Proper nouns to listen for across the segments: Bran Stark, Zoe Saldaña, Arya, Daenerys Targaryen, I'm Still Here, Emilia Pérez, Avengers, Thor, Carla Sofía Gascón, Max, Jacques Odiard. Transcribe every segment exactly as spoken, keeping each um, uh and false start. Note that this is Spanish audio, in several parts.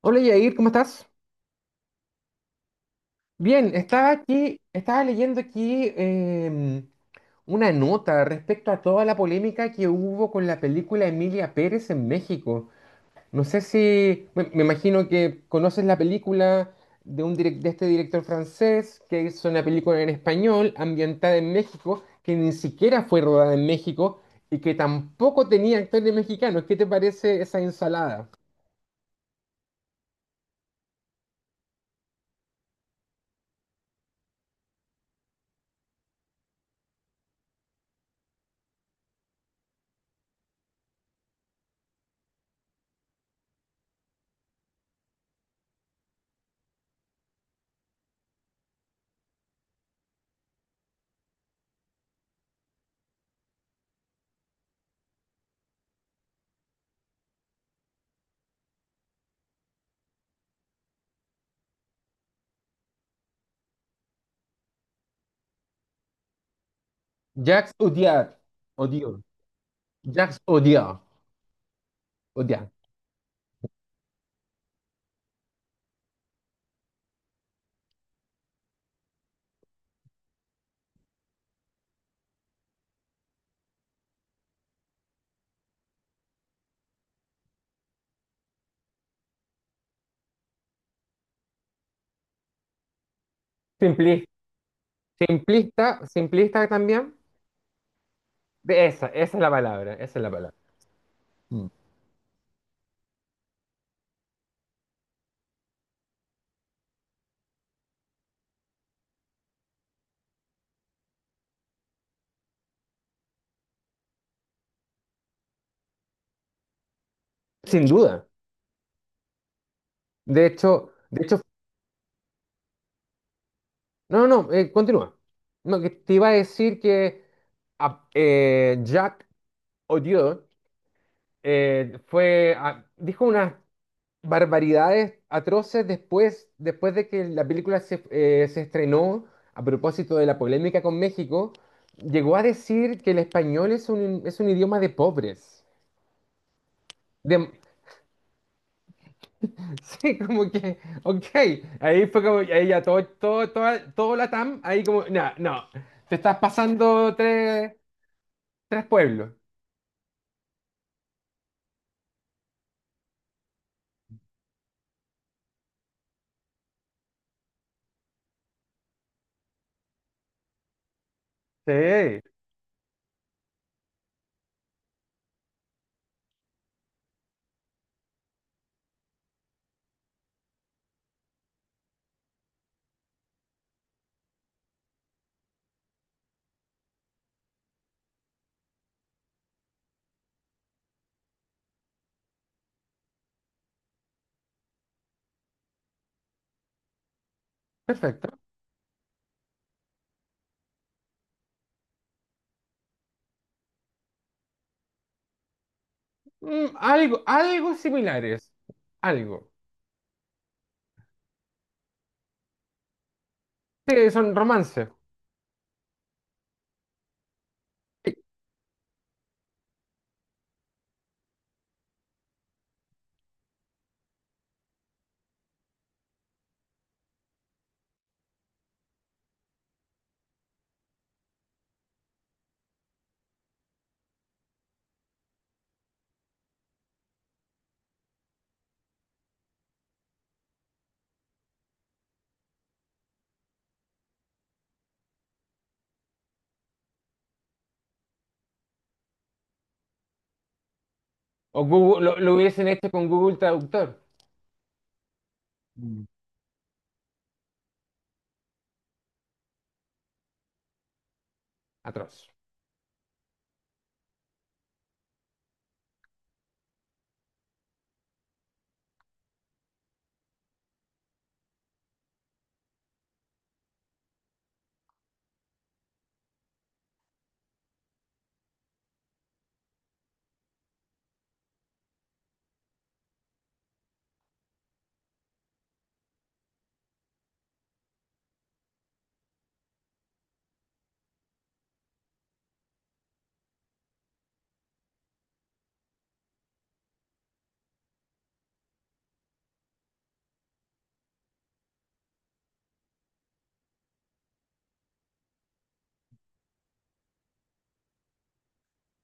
Hola Yair, ¿cómo estás? Bien, estaba aquí, estaba leyendo aquí em, una nota respecto a toda la polémica que hubo con la película Emilia Pérez en México. No sé si, me, me imagino que conoces la película de, un direc- de este director francés que hizo una película en español ambientada en México, que ni siquiera fue rodada en México y que tampoco tenía actores mexicanos. ¿Qué te parece esa ensalada? Jacques Odiard, Odiard, Jacques Odiard. Simpli- simplista, simplista también. De esa, esa es la palabra, esa es la palabra. Mm. Sin duda. De hecho, de hecho, no, no, no, eh, continúa. No, que te iba a decir que a- eh, Jacques Odiot eh, fue, a- dijo unas barbaridades atroces después, después de que la película se, eh, se estrenó a propósito de la polémica con México. Llegó a decir que el español es un, es un idioma de pobres. Sí, como que, ok, ahí fue como, ahí ya todo, todo, toda, todo la T A M, ahí como, no, no, te estás pasando tres, tres pueblos. Sí, perfecto. Mm, algo, algo similares, algo. Sí, son romances. Sí. O Google, lo, lo hubiesen hecho con Google Traductor. Mm. Atroz.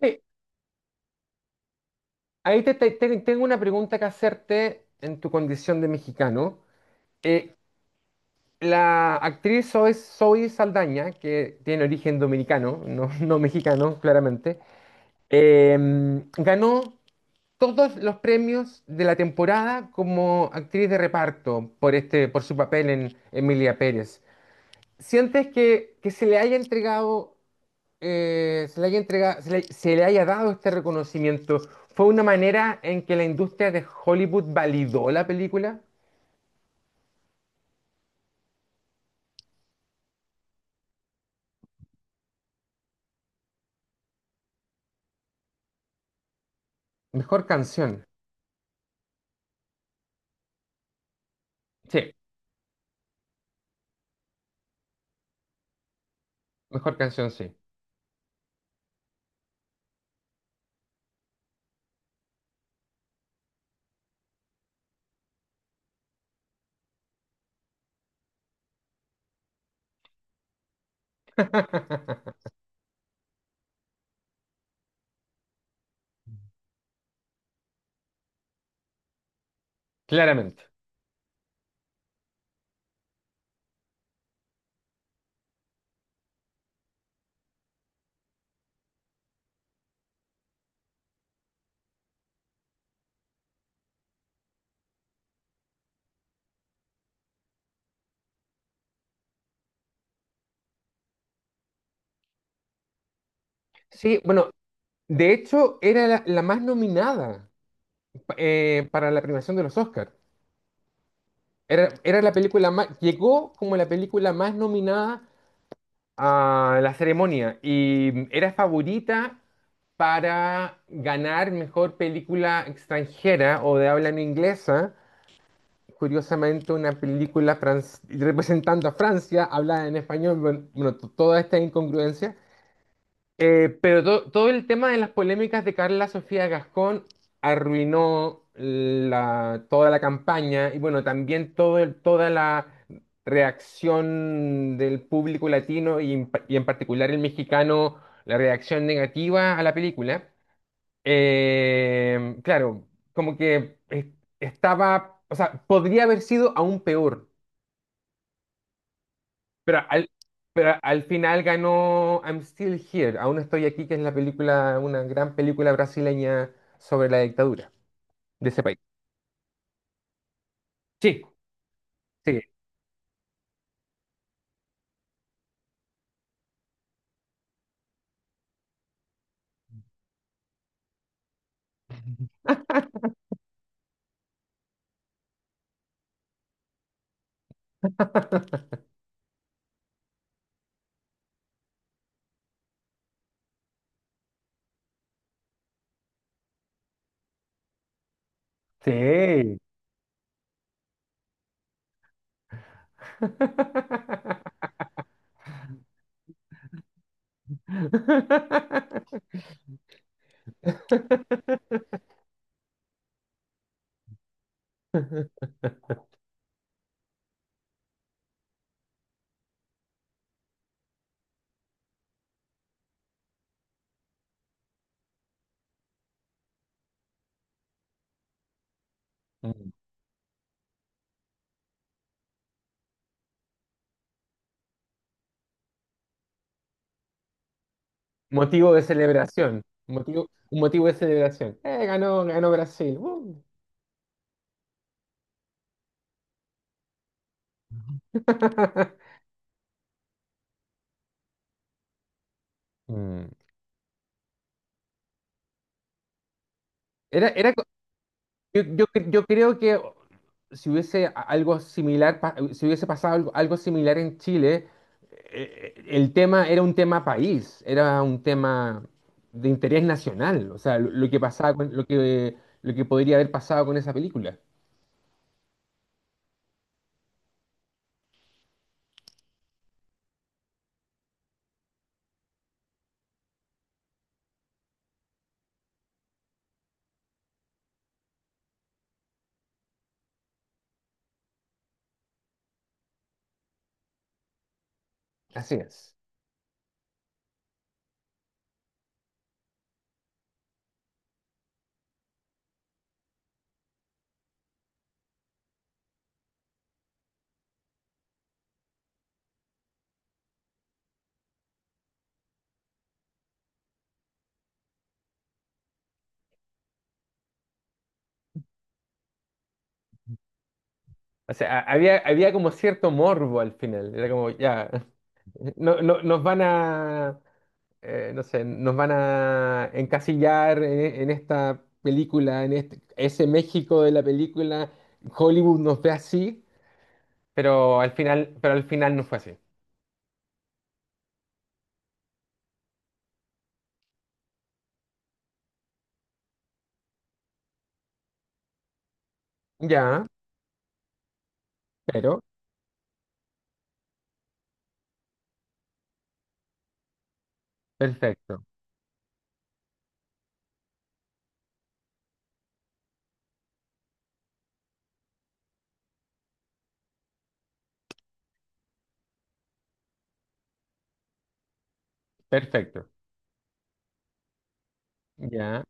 Sí, ahí te, te- te- tengo una pregunta que hacerte en tu condición de mexicano. Eh, La actriz Zoe, Zoe Saldaña, que tiene origen dominicano, no, no mexicano, claramente, eh, ganó todos los premios de la temporada como actriz de reparto por, este, por su papel en Emilia Pérez. ¿Sientes que, que se le haya entregado, eh, se le haya entregado, se le, se le haya dado este reconocimiento? ¿Fue una manera en que la industria de Hollywood validó la película? Mejor canción. Sí, mejor canción, sí. Claramente. Sí, bueno, de hecho era la, la más nominada pa- eh, para la premiación de los Oscars. Era, era la película más, llegó como la película más nominada a la ceremonia y mm, era favorita para ganar mejor película extranjera o de habla no inglesa. Curiosamente, una película franc- representando a Francia, hablada en español, bueno, bueno, to- toda esta incongruencia. Eh, pero to- todo el tema de las polémicas de Carla Sofía Gascón arruinó la, toda la campaña y bueno, también todo el- toda la reacción del público latino y, en pa- y en particular el mexicano, la reacción negativa a la película. Eh, claro, como que eh, estaba, o sea, podría haber sido aún peor. Pero al, pero al final ganó I'm Still Here, aún estoy aquí, que es la película, una gran película brasileña sobre la dictadura de ese país. Sí, sí, sí. Motivo de celebración. Motivo, un motivo de celebración. Eh, ganó, ganó Brasil. ¡Uh! Mm. Era, era, yo, yo, cre- yo creo que si hubiese a- algo similar, pa- si hubiese pasado algo, algo similar en Chile, eh, eh, el tema era un tema país, era un tema de interés nacional, o sea, lo, lo que pasaba con- lo que, lo que podría haber pasado con esa película. Así es. O sea, ha- había había como cierto morbo al final, era como, ya, no, no- nos van a, eh, no sé, nos van a encasillar en, en esta película, en este, ese México de la película, Hollywood nos ve así, pero al final, pero al final no fue así. Ya, pero, perfecto, perfecto. Ya,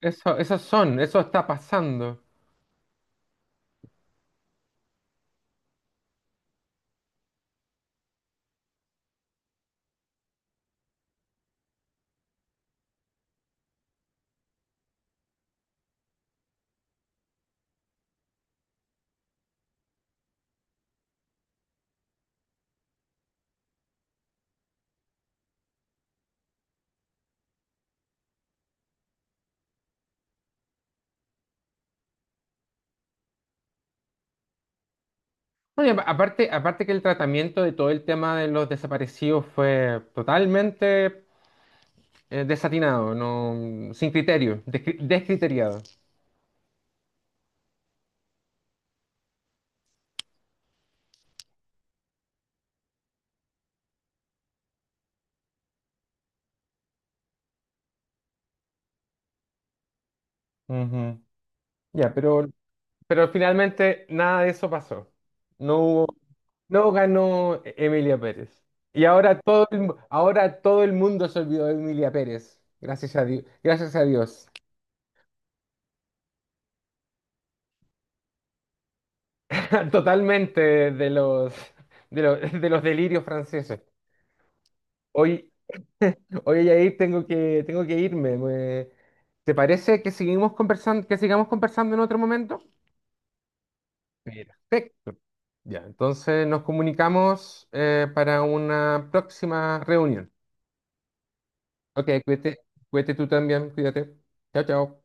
eso, esos son, eso está pasando. No, y apa- aparte, aparte que el tratamiento de todo el tema de los desaparecidos fue totalmente eh, desatinado, no, sin criterio, descri- descriteriado. Ujú. Ya, pero Pero finalmente nada de eso pasó. No hubo, no ganó E- Emilia Pérez. Y ahora todo el, mu- ahora todo el mundo se olvidó de Emilia Pérez. Gracias a Dios. Gracias a Dios. Totalmente de los, de los, de los delirios franceses. Hoy, hoy Yair, tengo que, tengo que irme. Me- ¿te parece que seguimos conversando, que sigamos conversando en otro momento? Perfecto. Ya, entonces nos comunicamos eh, para una próxima reunión. Ok, cuídate, cuídate tú también, cuídate. Chao, chao.